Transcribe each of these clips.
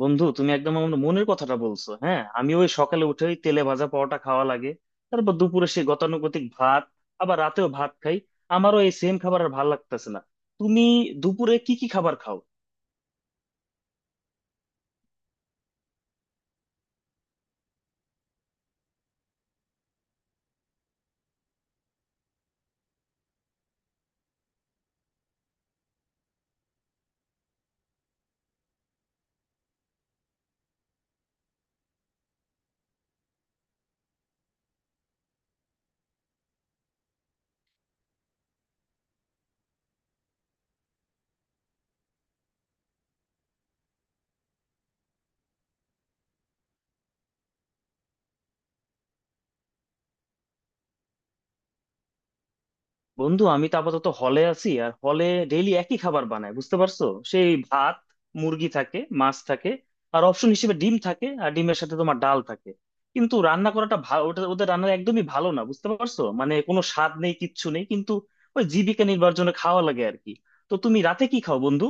বন্ধু, তুমি একদম আমার মনের কথাটা বলছো। হ্যাঁ, আমি ওই সকালে উঠে ওই তেলে ভাজা পরোটা খাওয়া লাগে। তারপর দুপুরে সেই গতানুগতিক ভাত, আবার রাতেও ভাত খাই। আমারও এই সেম খাবার আর ভাল লাগতেছে না। তুমি দুপুরে কি কি খাবার খাও? বন্ধু, আমি তো আপাতত হলে আছি, আর হলে ডেইলি একই খাবার বানায়, বুঝতে পারছো? সেই ভাত, মুরগি থাকে, মাছ থাকে, আর অপশন হিসেবে ডিম থাকে, আর ডিমের সাথে তোমার ডাল থাকে। কিন্তু রান্না করাটা ভালো, ওটা ওদের রান্না একদমই ভালো না, বুঝতে পারছো? মানে কোনো স্বাদ নেই, কিচ্ছু নেই, কিন্তু ওই জীবিকা নির্বাহের জন্য খাওয়া লাগে আর কি। তো তুমি রাতে কি খাও বন্ধু?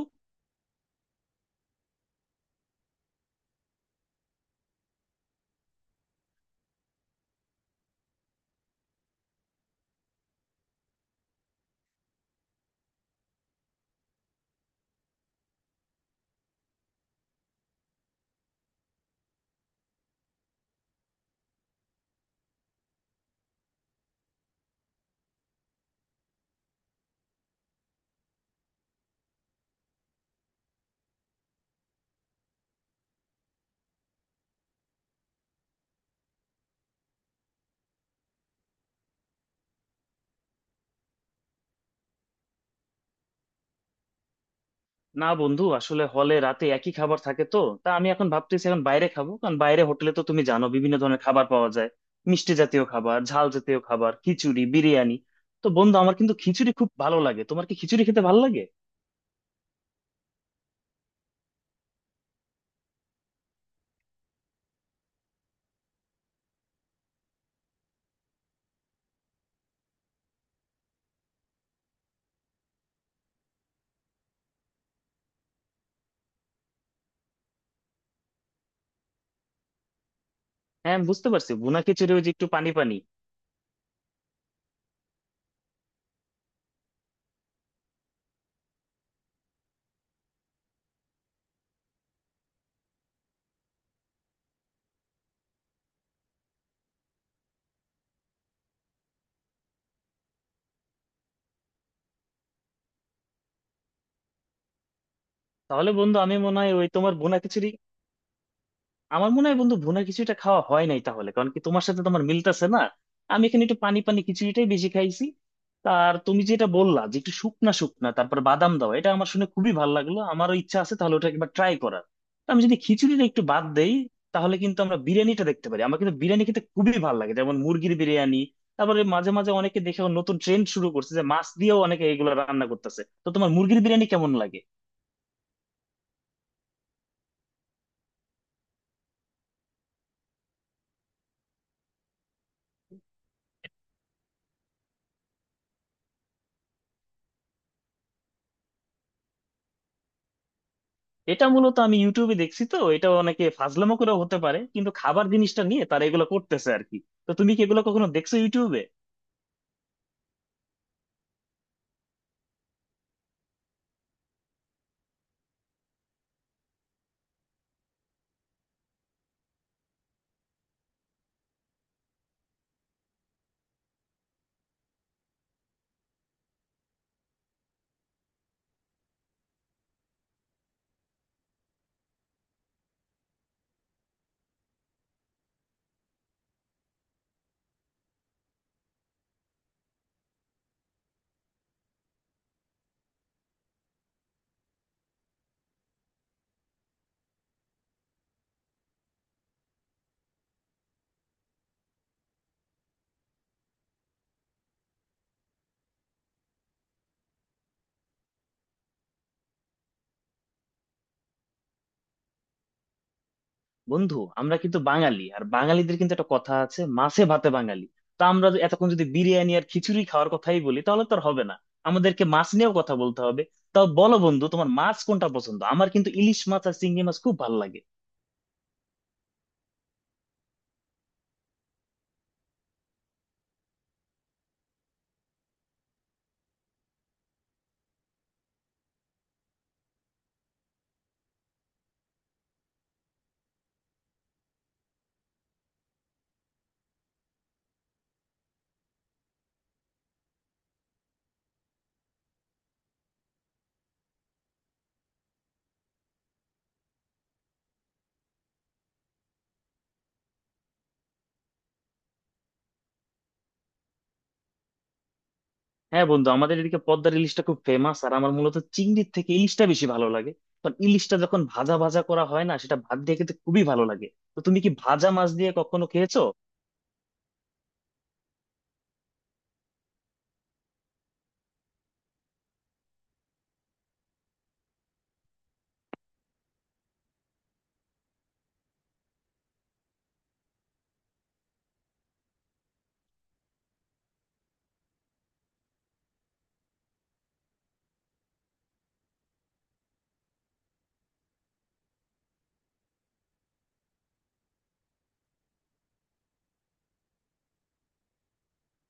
না বন্ধু, আসলে হলে রাতে একই খাবার থাকে তো। তা আমি এখন ভাবতেছি এখন বাইরে খাবো, কারণ বাইরে হোটেলে তো তুমি জানো, বিভিন্ন ধরনের খাবার পাওয়া যায়। মিষ্টি জাতীয় খাবার, ঝাল জাতীয় খাবার, খিচুড়ি, বিরিয়ানি। তো বন্ধু, আমার কিন্তু খিচুড়ি খুব ভালো লাগে, তোমার কি খিচুড়ি খেতে ভালো লাগে? হ্যাঁ, আমি বুঝতে পারছি, ভুনা খিচুড়ি ওই যে একটু পানি পানি। তাহলে বন্ধু, আমি মনে হয় ওই তোমার ভুনা খিচুড়ি আমার মনে হয় বন্ধু ভুনা খিচুড়িটা খাওয়া হয় নাই তাহলে, কারণ কি তোমার সাথে তোমার মিলতেছে না। আমি এখানে একটু পানি পানি খিচুড়িটাই বেশি খাইছি। আর তুমি যেটা বললা যে একটু শুকনা শুকনা, তারপর বাদাম দাও, এটা আমার শুনে খুবই ভালো লাগলো, আমারও ইচ্ছা আছে তাহলে ওটা একবার ট্রাই করার। তো আমি যদি খিচুড়িটা একটু বাদ দেই, তাহলে কিন্তু আমরা বিরিয়ানিটা দেখতে পারি। আমার কিন্তু বিরিয়ানি খেতে খুবই ভালো লাগে, যেমন মুরগির বিরিয়ানি। তারপরে মাঝে মাঝে অনেকে দেখে নতুন ট্রেন্ড শুরু করছে যে মাছ দিয়েও অনেকে এগুলো রান্না করতেছে। তো তোমার মুরগির বিরিয়ানি কেমন লাগে? এটা মূলত আমি ইউটিউবে দেখছি, তো এটা অনেকে ফাজলামো করেও হতে পারে, কিন্তু খাবার জিনিসটা নিয়ে তারা এগুলো করতেছে আর কি। তো তুমি কি এগুলো কখনো দেখছো ইউটিউবে? বন্ধু, আমরা কিন্তু বাঙালি, আর বাঙালিদের কিন্তু একটা কথা আছে, মাছে ভাতে বাঙালি। তো আমরা এতক্ষণ যদি বিরিয়ানি আর খিচুড়ি খাওয়ার কথাই বলি, তাহলে তো আর হবে না, আমাদেরকে মাছ নিয়েও কথা বলতে হবে। তাও বলো বন্ধু, তোমার মাছ কোনটা পছন্দ? আমার কিন্তু ইলিশ মাছ আর চিংড়ি মাছ খুব ভালো লাগে। হ্যাঁ বন্ধু, আমাদের এদিকে পদ্মার ইলিশটা খুব ফেমাস, আর আমার মূলত চিংড়ির থেকে ইলিশটা বেশি ভালো লাগে। কারণ ইলিশটা যখন ভাজা ভাজা করা হয় না, সেটা ভাত দিয়ে খেতে খুবই ভালো লাগে। তো তুমি কি ভাজা মাছ দিয়ে কখনো খেয়েছো?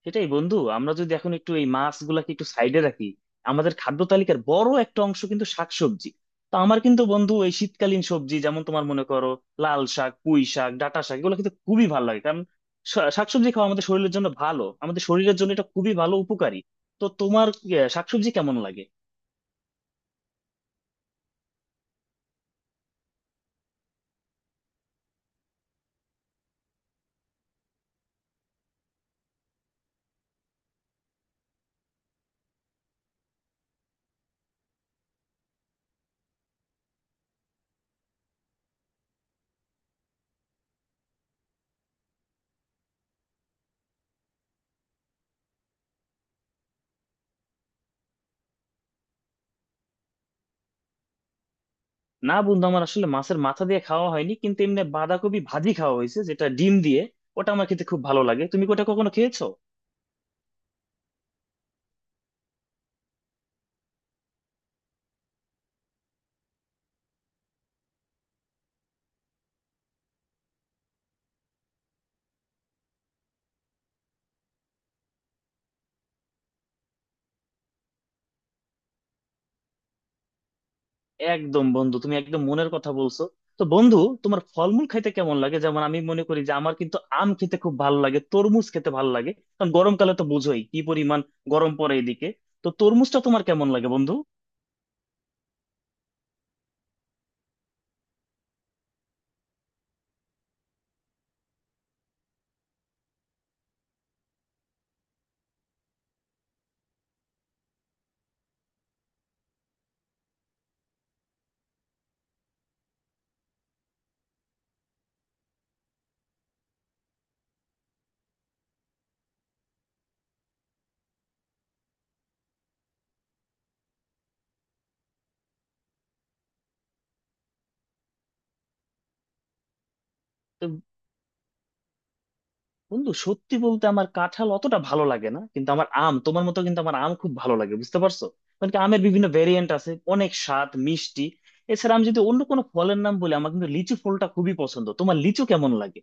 সেটাই বন্ধু, আমরা যদি এখন একটু এই মাছগুলাকে একটু সাইডে রাখি, আমাদের খাদ্য তালিকার বড় একটা অংশ কিন্তু শাকসবজি। তো আমার কিন্তু বন্ধু এই শীতকালীন সবজি, যেমন তোমার মনে করো লাল শাক, পুঁই শাক, ডাঁটা শাক, এগুলো কিন্তু খুবই ভালো লাগে। কারণ শাকসবজি খাওয়া আমাদের শরীরের জন্য ভালো, আমাদের শরীরের জন্য এটা খুবই ভালো উপকারী। তো তোমার শাকসবজি কেমন লাগে? না বন্ধু, আমার আসলে মাছের মাথা দিয়ে খাওয়া হয়নি, কিন্তু এমনি বাঁধাকপি ভাজি খাওয়া হয়েছে, যেটা ডিম দিয়ে। ওটা আমার খেতে খুব ভালো লাগে, তুমি কি ওটা কখনো খেয়েছো? একদম বন্ধু, তুমি একদম মনের কথা বলছো। তো বন্ধু, তোমার ফলমূল খাইতে কেমন লাগে? যেমন আমি মনে করি যে আমার কিন্তু আম খেতে খুব ভালো লাগে, তরমুজ খেতে ভালো লাগে। কারণ গরমকালে তো বুঝোই কি পরিমাণ গরম পড়ে এদিকে। তো তরমুজটা তোমার কেমন লাগে বন্ধু? বন্ধু সত্যি বলতে, আমার কাঁঠাল অতটা ভালো লাগে না, কিন্তু আমার আম তোমার মতো কিন্তু আমার আম খুব ভালো লাগে, বুঝতে পারছো? কারণ কি, আমের বিভিন্ন ভেরিয়েন্ট আছে, অনেক স্বাদ, মিষ্টি। এছাড়া আমি যদি অন্য কোনো ফলের নাম বলি, আমার কিন্তু লিচু ফলটা খুবই পছন্দ। তোমার লিচু কেমন লাগে?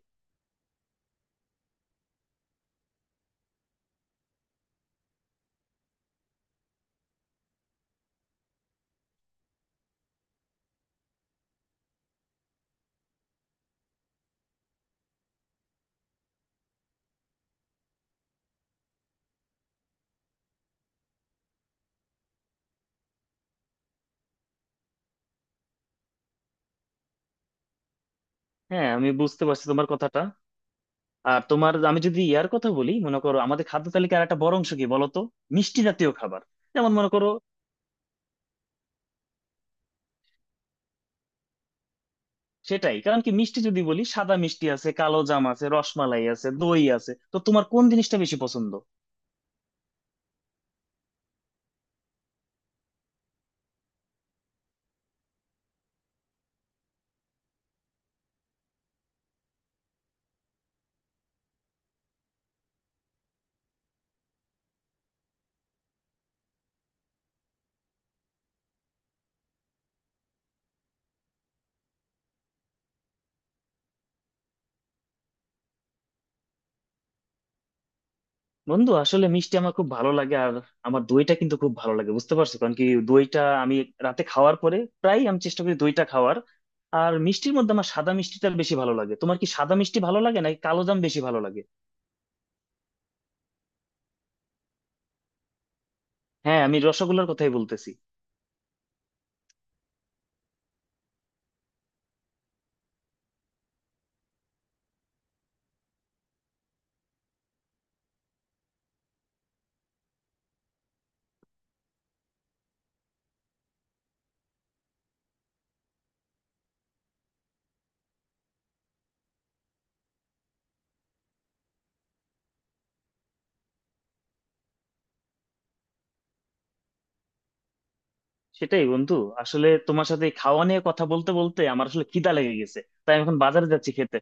হ্যাঁ, আমি বুঝতে পারছি তোমার কথাটা। আর তোমার আমি যদি ইয়ার কথা বলি, মনে করো আমাদের খাদ্য তালিকার একটা বড় অংশ কি বলতো? মিষ্টি জাতীয় খাবার। যেমন মনে করো, সেটাই কারণ কি, মিষ্টি যদি বলি, সাদা মিষ্টি আছে, কালো জাম আছে, রসমালাই আছে, দই আছে, তো তোমার কোন জিনিসটা বেশি পছন্দ? বন্ধু, আসলে মিষ্টি আমার খুব ভালো লাগে, আর আমার দইটা কিন্তু খুব ভালো লাগে, বুঝতে পারছো? কারণ কি, দইটা আমি রাতে খাওয়ার পরে প্রায় আমি চেষ্টা করি দইটা খাওয়ার। আর মিষ্টির মধ্যে আমার সাদা মিষ্টিটা বেশি ভালো লাগে। তোমার কি সাদা মিষ্টি ভালো লাগে নাকি কালো জাম বেশি ভালো লাগে? হ্যাঁ, আমি রসগোল্লার কথাই বলতেছি। সেটাই বন্ধু, আসলে তোমার সাথে এই খাওয়া নিয়ে কথা বলতে বলতে আমার আসলে খিদা লেগে গেছে। তাই আমি এখন বাজারে যাচ্ছি খেতে।